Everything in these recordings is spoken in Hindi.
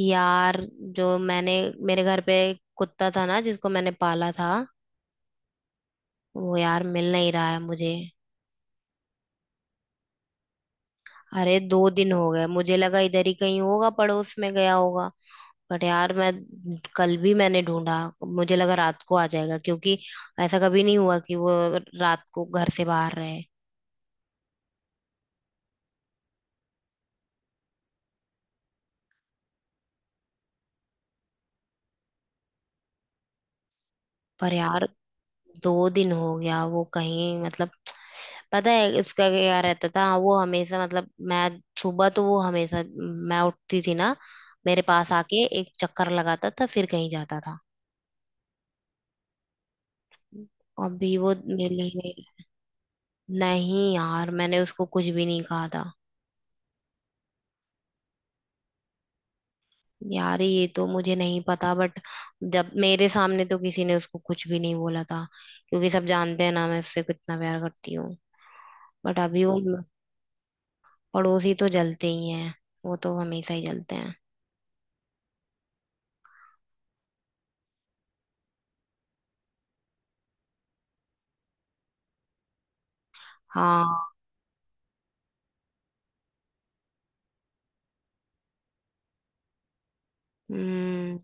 यार जो मैंने मेरे घर पे कुत्ता था ना जिसको मैंने पाला था। वो यार मिल नहीं रहा है मुझे। अरे 2 दिन हो गए, मुझे लगा इधर ही कहीं होगा, पड़ोस में गया होगा। बट यार मैं कल भी मैंने ढूंढा। मुझे लगा रात को आ जाएगा, क्योंकि ऐसा कभी नहीं हुआ कि वो रात को घर से बाहर रहे। पर यार 2 दिन हो गया वो कहीं, मतलब, पता है इसका क्या रहता था? वो हमेशा, मतलब, मैं सुबह तो वो हमेशा, मैं उठती थी ना, मेरे पास आके एक चक्कर लगाता था, फिर कहीं जाता था। अभी वो मेरे लिए। नहीं नहीं यार, मैंने उसको कुछ भी नहीं कहा था। यार ये तो मुझे नहीं पता, बट जब मेरे सामने तो किसी ने उसको कुछ भी नहीं बोला था, क्योंकि सब जानते हैं ना मैं उससे कितना प्यार करती हूँ। बट अभी वो। पड़ोसी तो जलते ही हैं, वो तो हमेशा ही जलते हैं। हाँ। हम्म।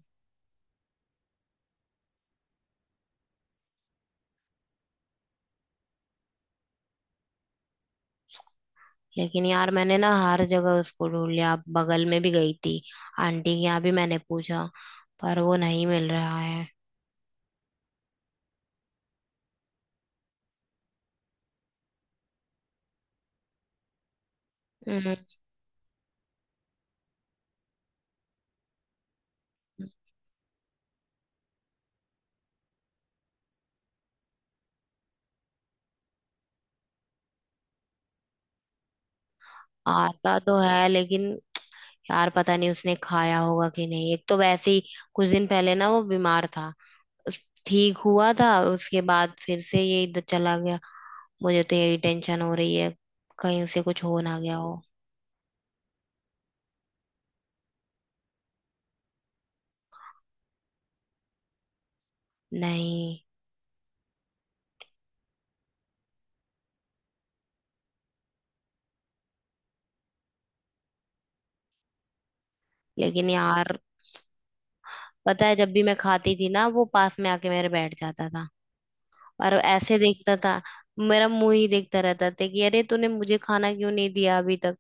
लेकिन यार मैंने ना हर जगह उसको ढूंढ लिया, अब बगल में भी गई थी, आंटी के यहाँ भी मैंने पूछा, पर वो नहीं मिल रहा है। हम्म। आता तो है, लेकिन यार पता नहीं उसने खाया होगा कि नहीं। एक तो वैसे ही कुछ दिन पहले ना वो बीमार था, ठीक हुआ था, उसके बाद फिर से ये इधर चला गया। मुझे तो यही टेंशन हो रही है, कहीं उसे कुछ हो ना गया हो। नहीं। लेकिन यार, पता है जब भी मैं खाती थी ना वो पास में आके मेरे बैठ जाता था, और ऐसे देखता था, मेरा मुंह ही देखता रहता था कि अरे तूने मुझे खाना क्यों नहीं दिया अभी तक।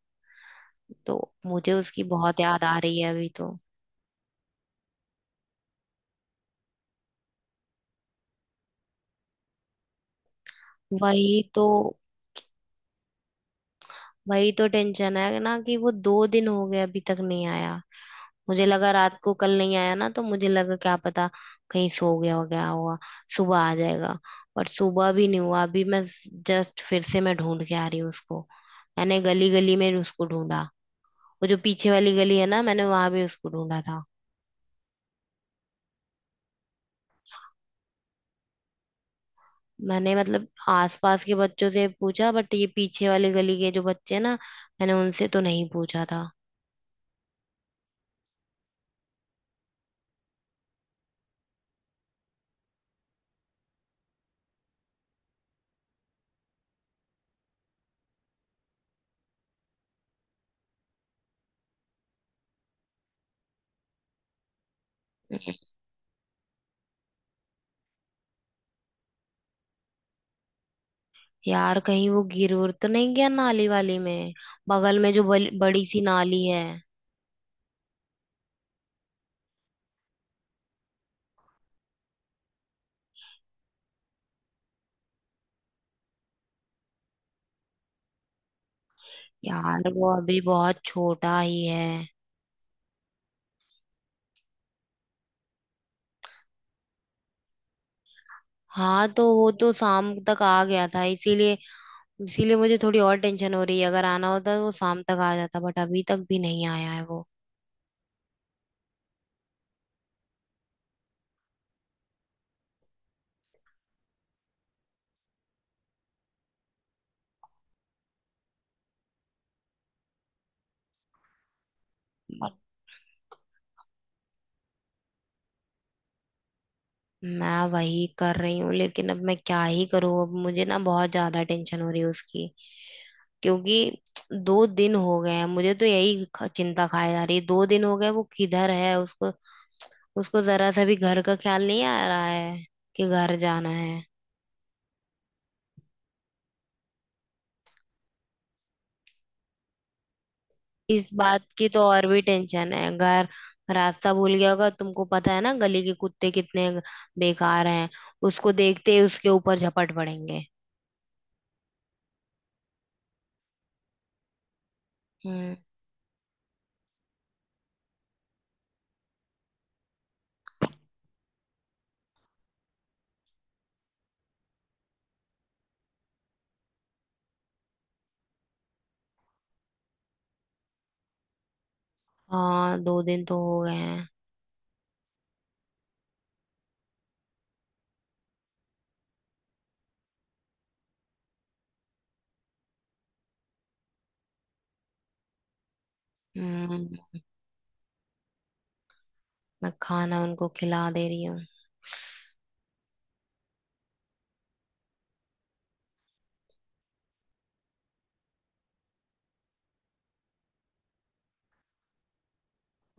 तो मुझे उसकी बहुत याद आ रही है अभी तो। वही तो वही तो टेंशन है ना कि वो 2 दिन हो गए अभी तक नहीं आया। मुझे लगा रात को, कल नहीं आया ना तो मुझे लगा क्या पता कहीं सो गया हो, गया होगा, सुबह आ जाएगा। पर सुबह भी नहीं हुआ। अभी मैं जस्ट फिर से मैं ढूंढ के आ रही हूँ उसको। मैंने गली गली में उसको ढूंढा। वो जो पीछे वाली गली है ना, मैंने वहां भी उसको ढूंढा था। मैंने, मतलब, आसपास के बच्चों से पूछा, बट ये पीछे वाली गली के जो बच्चे हैं ना, मैंने उनसे तो नहीं पूछा था। हम्म। यार कहीं वो गिर उर तो नहीं गया नाली वाली में? बगल में जो बड़ी सी नाली है। यार वो अभी बहुत छोटा ही है। हाँ, तो वो तो शाम तक आ गया था, इसीलिए इसीलिए मुझे थोड़ी और टेंशन हो रही है। अगर आना होता तो वो शाम तक आ जाता, बट अभी तक भी नहीं आया है वो। मैं वही कर रही हूँ, लेकिन अब मैं क्या ही करूँ? अब मुझे ना बहुत ज्यादा टेंशन हो रही है उसकी, क्योंकि दो दिन हो गए हैं। मुझे तो यही चिंता खाए जा रही है, 2 दिन हो गए वो किधर है। उसको उसको जरा सा भी घर का ख्याल नहीं आ रहा है कि घर जाना है। इस बात की तो और भी टेंशन है। घर रास्ता भूल गया होगा। तुमको पता है ना गली के कुत्ते कितने बेकार हैं? उसको देखते ही उसके ऊपर झपट पड़ेंगे। हम्म। हाँ 2 दिन तो हो गए हैं। हम्म। मैं खाना उनको खिला दे रही हूँ।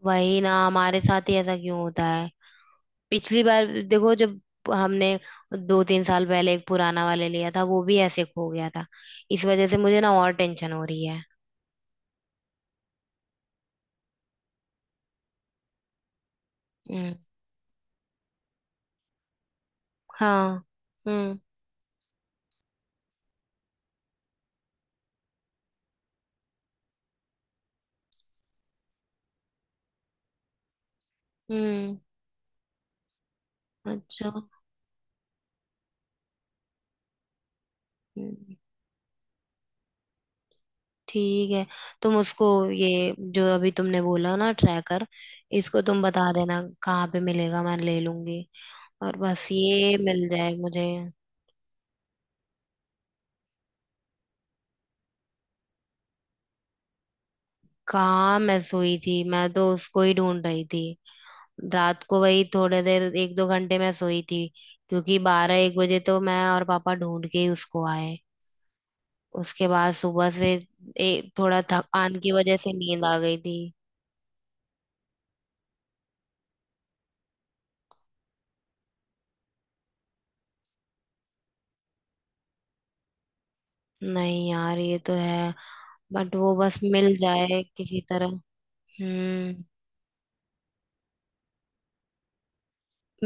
वही ना, हमारे साथ ही ऐसा क्यों होता है? पिछली बार देखो, जब हमने 2 3 साल पहले एक पुराना वाले लिया था, वो भी ऐसे खो गया था। इस वजह से मुझे ना और टेंशन हो रही है। हम्म। हाँ। हम्म। हम्म। अच्छा। हम्म, ठीक है। तुम उसको, ये जो अभी तुमने बोला ना ट्रैकर, इसको तुम बता देना कहाँ पे मिलेगा, मैं ले लूंगी। और बस ये मिल जाए मुझे। कहाँ मैं सोई थी? मैं तो उसको ही ढूंढ रही थी। रात को वही थोड़े देर 1 2 घंटे मैं सोई थी, क्योंकि 12 1 बजे तो मैं और पापा ढूंढ के ही उसको आए। उसके बाद सुबह से थोड़ा थकान की वजह से नींद आ गई थी। नहीं यार, ये तो है, बट वो बस मिल जाए किसी तरह। हम्म।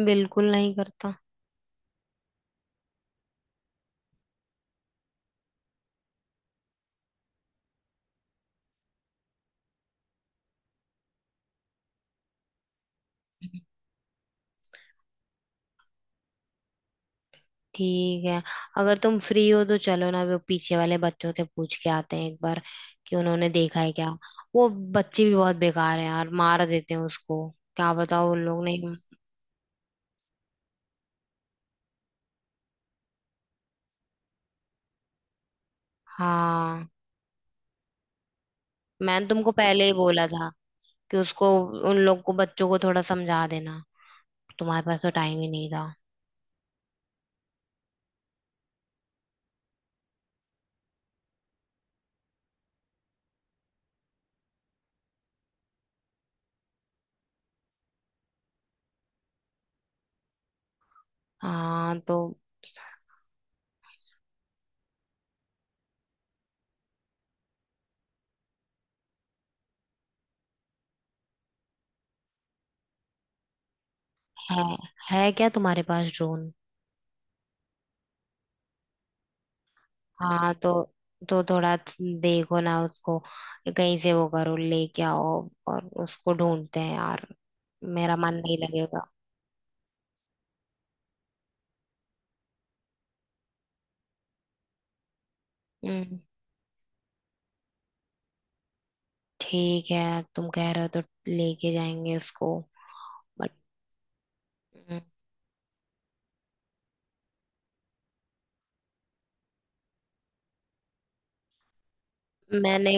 बिल्कुल नहीं करता। ठीक है, अगर तुम फ्री हो तो चलो ना, वो पीछे वाले बच्चों से पूछ के आते हैं एक बार कि उन्होंने देखा है क्या। वो बच्चे भी बहुत बेकार हैं यार, मार देते हैं उसको। क्या बताओ उन लोग ने। हाँ। मैंने तुमको पहले ही बोला था कि उसको, उन लोग को, बच्चों को थोड़ा समझा देना। तुम्हारे पास तो टाइम ही नहीं था। हाँ तो है। है क्या तुम्हारे पास ड्रोन? हाँ तो थोड़ा देखो ना उसको, कहीं से वो करो लेके आओ, और उसको ढूंढते हैं यार। मेरा मन नहीं लगेगा। हम्म। ठीक है, अब तुम कह रहे हो तो लेके जाएंगे उसको। बट हम्म, मैंने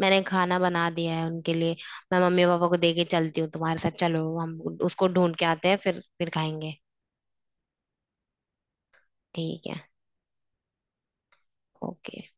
मैंने खाना बना दिया है उनके लिए। मैं मम्मी पापा को देके चलती हूँ, तुम्हारे साथ चलो, हम उसको ढूंढ के आते हैं, फिर खाएंगे। ठीक है। ओके।